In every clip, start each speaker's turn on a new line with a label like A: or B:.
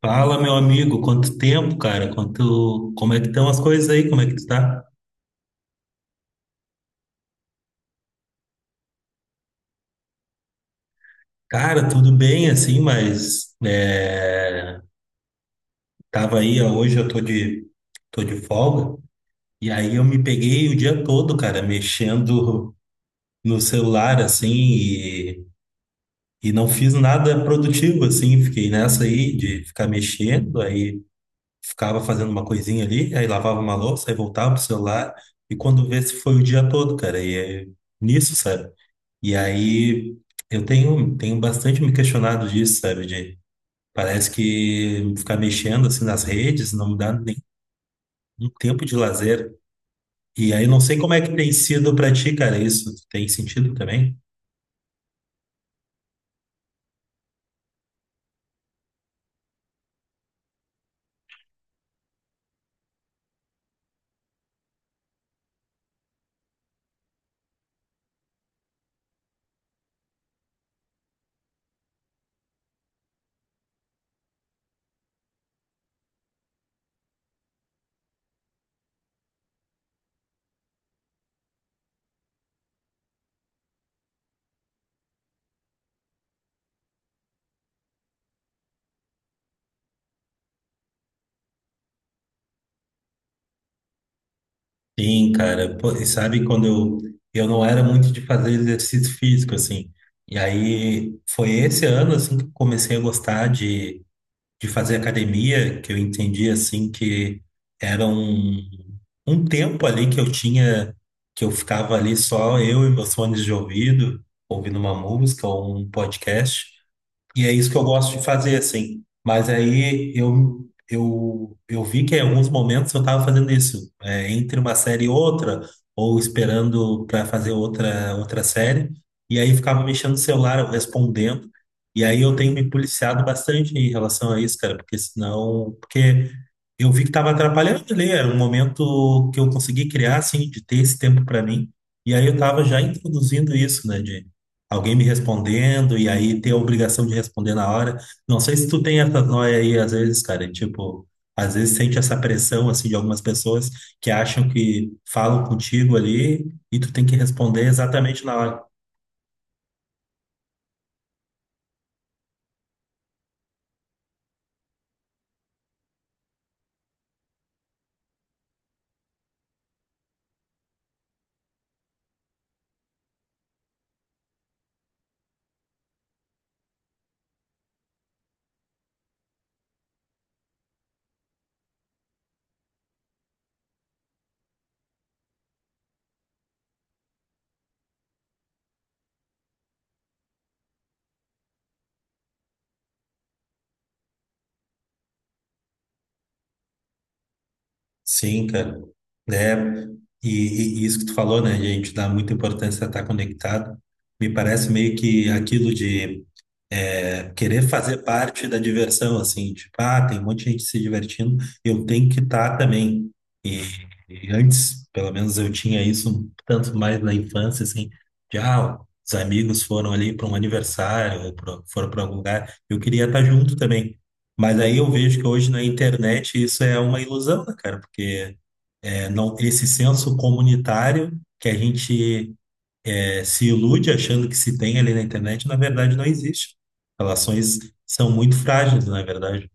A: Fala, meu amigo, quanto tempo, cara? Como é que estão as coisas aí? Como é que tu tá? Cara, tudo bem assim, tava aí, ó, hoje eu tô de folga e aí eu me peguei o dia todo, cara, mexendo no celular assim, e não fiz nada produtivo assim, fiquei nessa aí de ficar mexendo aí, ficava fazendo uma coisinha ali, aí lavava uma louça, aí voltava pro celular, e quando vê se foi o dia todo, cara, e é nisso, sabe? E aí tenho bastante me questionado disso, sabe? Parece que ficar mexendo assim nas redes não me dá nem um tempo de lazer. E aí não sei como é que tem sido pra ti, cara, isso. Tem sentido também? Sim, cara. Pô, e sabe eu não era muito de fazer exercício físico, assim. E aí foi esse ano, assim, que eu comecei a gostar de fazer academia, que eu entendi, assim, que era um, um tempo ali que eu tinha, que eu ficava ali só eu e meus fones de ouvido, ouvindo uma música ou um podcast. E é isso que eu gosto de fazer, assim. Mas aí eu vi que em alguns momentos eu estava fazendo isso entre uma série e outra, ou esperando para fazer outra série, e aí ficava mexendo no celular, eu respondendo. E aí eu tenho me policiado bastante em relação a isso, cara, porque senão. Porque eu vi que estava atrapalhando ali, era um momento que eu consegui criar, assim, de ter esse tempo para mim. E aí eu estava já introduzindo isso, né, de alguém me respondendo e aí ter a obrigação de responder na hora. Não sei se tu tem essa noia aí às vezes, cara, tipo, às vezes sente essa pressão assim de algumas pessoas que acham que falam contigo ali e tu tem que responder exatamente na hora. Sim, cara. É, e isso que tu falou, né, gente, dá muita importância a estar conectado. Me parece meio que aquilo de, é, querer fazer parte da diversão, assim, tipo, ah, tem um monte de gente se divertindo, eu tenho que estar também. E, e antes, pelo menos eu tinha isso um tanto mais na infância, assim, ah, os amigos foram ali para um aniversário, ou foram para algum lugar, eu queria estar junto também. Mas aí eu vejo que hoje na internet isso é uma ilusão, né, cara? Porque não, esse senso comunitário que a gente se ilude achando que se tem ali na internet, na verdade não existe. Relações são muito frágeis, na verdade.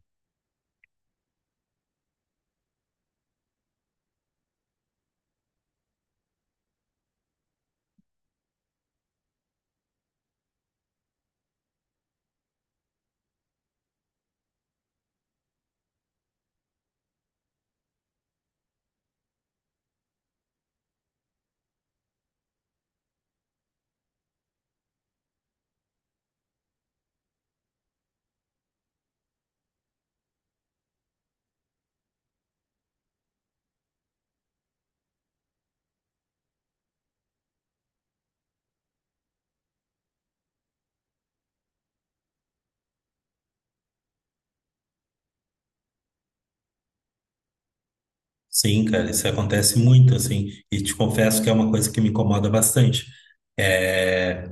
A: Sim, cara, isso acontece muito, assim, e te confesso que é uma coisa que me incomoda bastante. É,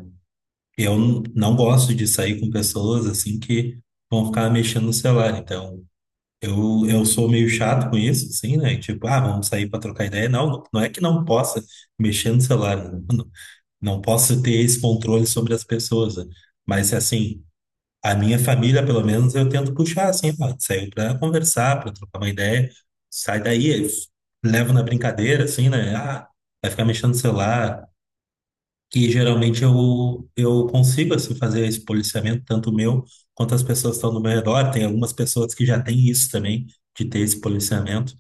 A: eu não gosto de sair com pessoas, assim, que vão ficar mexendo no celular, então eu sou meio chato com isso, assim, né? Tipo, ah, vamos sair para trocar ideia. Não, não, não é que não possa mexer no celular, né? Não, não posso ter esse controle sobre as pessoas, né? Mas assim, a minha família, pelo menos, eu tento puxar assim, ó, saiu para conversar, para trocar uma ideia, sai daí, eu levo na brincadeira, assim, né? Ah, vai ficar mexendo no celular. E geralmente eu consigo, assim, fazer esse policiamento, tanto meu quanto as pessoas que estão no meu redor. Tem algumas pessoas que já têm isso também, de ter esse policiamento.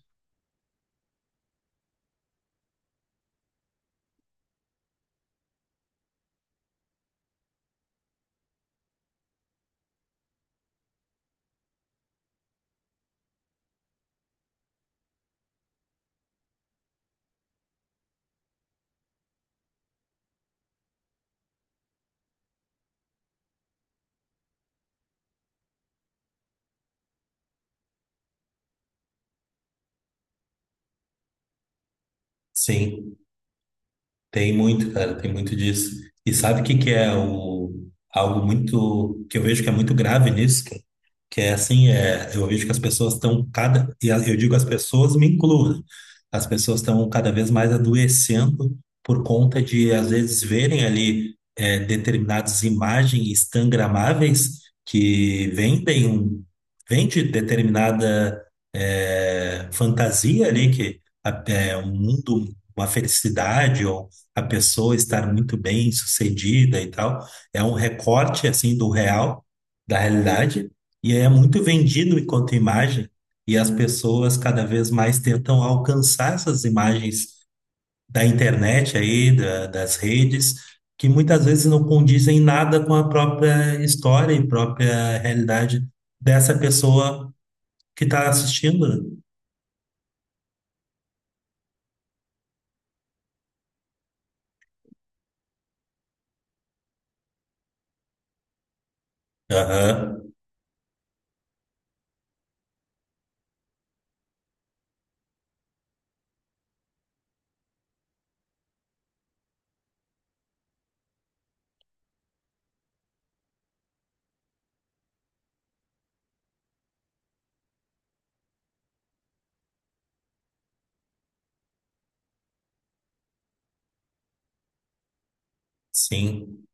A: Sim. Tem muito, cara, tem muito disso. E sabe o que que é, algo muito, que eu vejo que é muito grave nisso, cara? Que é assim, é, eu vejo que as pessoas estão eu digo as pessoas, me incluo, né? As pessoas estão cada vez mais adoecendo por conta de, às vezes, verem ali, é, determinadas imagens instagramáveis que vendem vende determinada, é, fantasia ali, é um mundo, uma felicidade ou a pessoa estar muito bem sucedida e tal. É um recorte assim do real, da realidade, e é muito vendido enquanto imagem, e as pessoas cada vez mais tentam alcançar essas imagens da internet aí, das redes, que muitas vezes não condizem nada com a própria história e própria realidade dessa pessoa que está assistindo. Né? Aham, sim.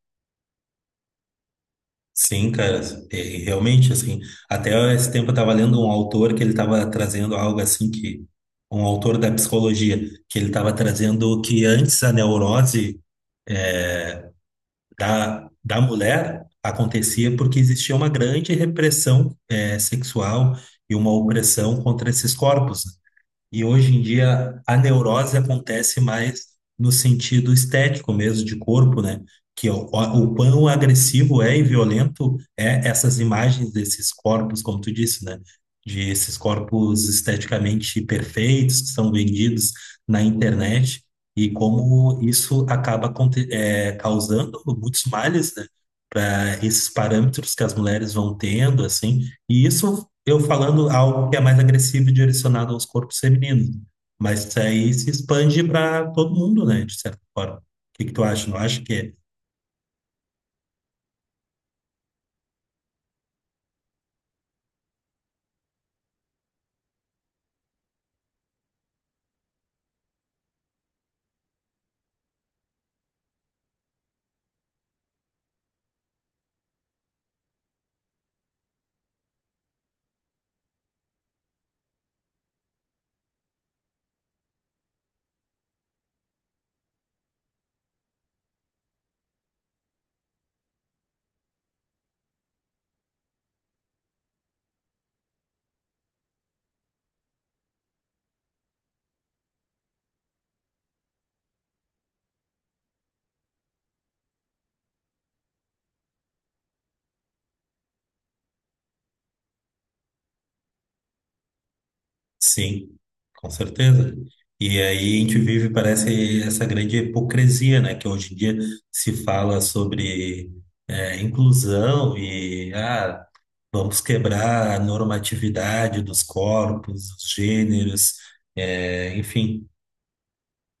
A: Sim, cara, é, realmente, assim, até esse tempo eu estava lendo um autor que ele estava trazendo algo assim que, um autor da psicologia, que ele estava trazendo que antes a neurose da mulher acontecia porque existia uma grande repressão, é, sexual e uma opressão contra esses corpos, né? E hoje em dia a neurose acontece mais no sentido estético mesmo, de corpo, né? O quão agressivo é e violento é essas imagens desses corpos, como tu disse, né? De esses corpos esteticamente perfeitos que são vendidos na internet e como isso acaba causando muitos males, né? Para esses parâmetros que as mulheres vão tendo, assim, e isso eu falando algo que é mais agressivo e direcionado aos corpos femininos, né? Mas isso aí se expande para todo mundo, né, de certa forma. O que que tu acha? Não acha que é? Sim, com certeza. E aí a gente vive, parece, essa grande hipocrisia, né, que hoje em dia se fala sobre, é, inclusão e, ah, vamos quebrar a normatividade dos corpos, dos gêneros, é, enfim.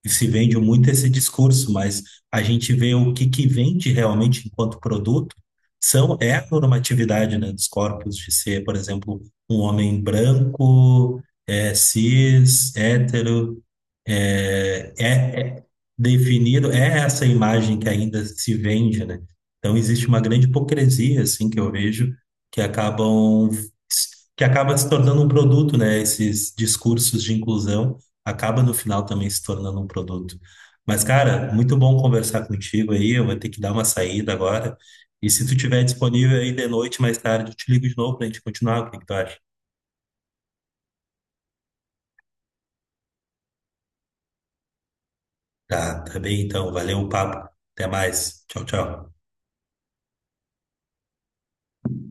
A: E se vende muito esse discurso, mas a gente vê o que que vende realmente enquanto produto são, é, a normatividade, né, dos corpos de ser, por exemplo, um homem branco, é, cis, hétero, é definido, é essa imagem que ainda se vende, né? Então existe uma grande hipocrisia, assim, que eu vejo, que acabam que acaba se tornando um produto, né, esses discursos de inclusão acaba no final também se tornando um produto. Mas, cara, muito bom conversar contigo aí. Eu vou ter que dar uma saída agora. E se tu tiver disponível aí de noite, mais tarde, eu te ligo de novo pra gente continuar. O que que tu acha? Tá, tá bem então. Valeu o papo. Até mais. Tchau, tchau.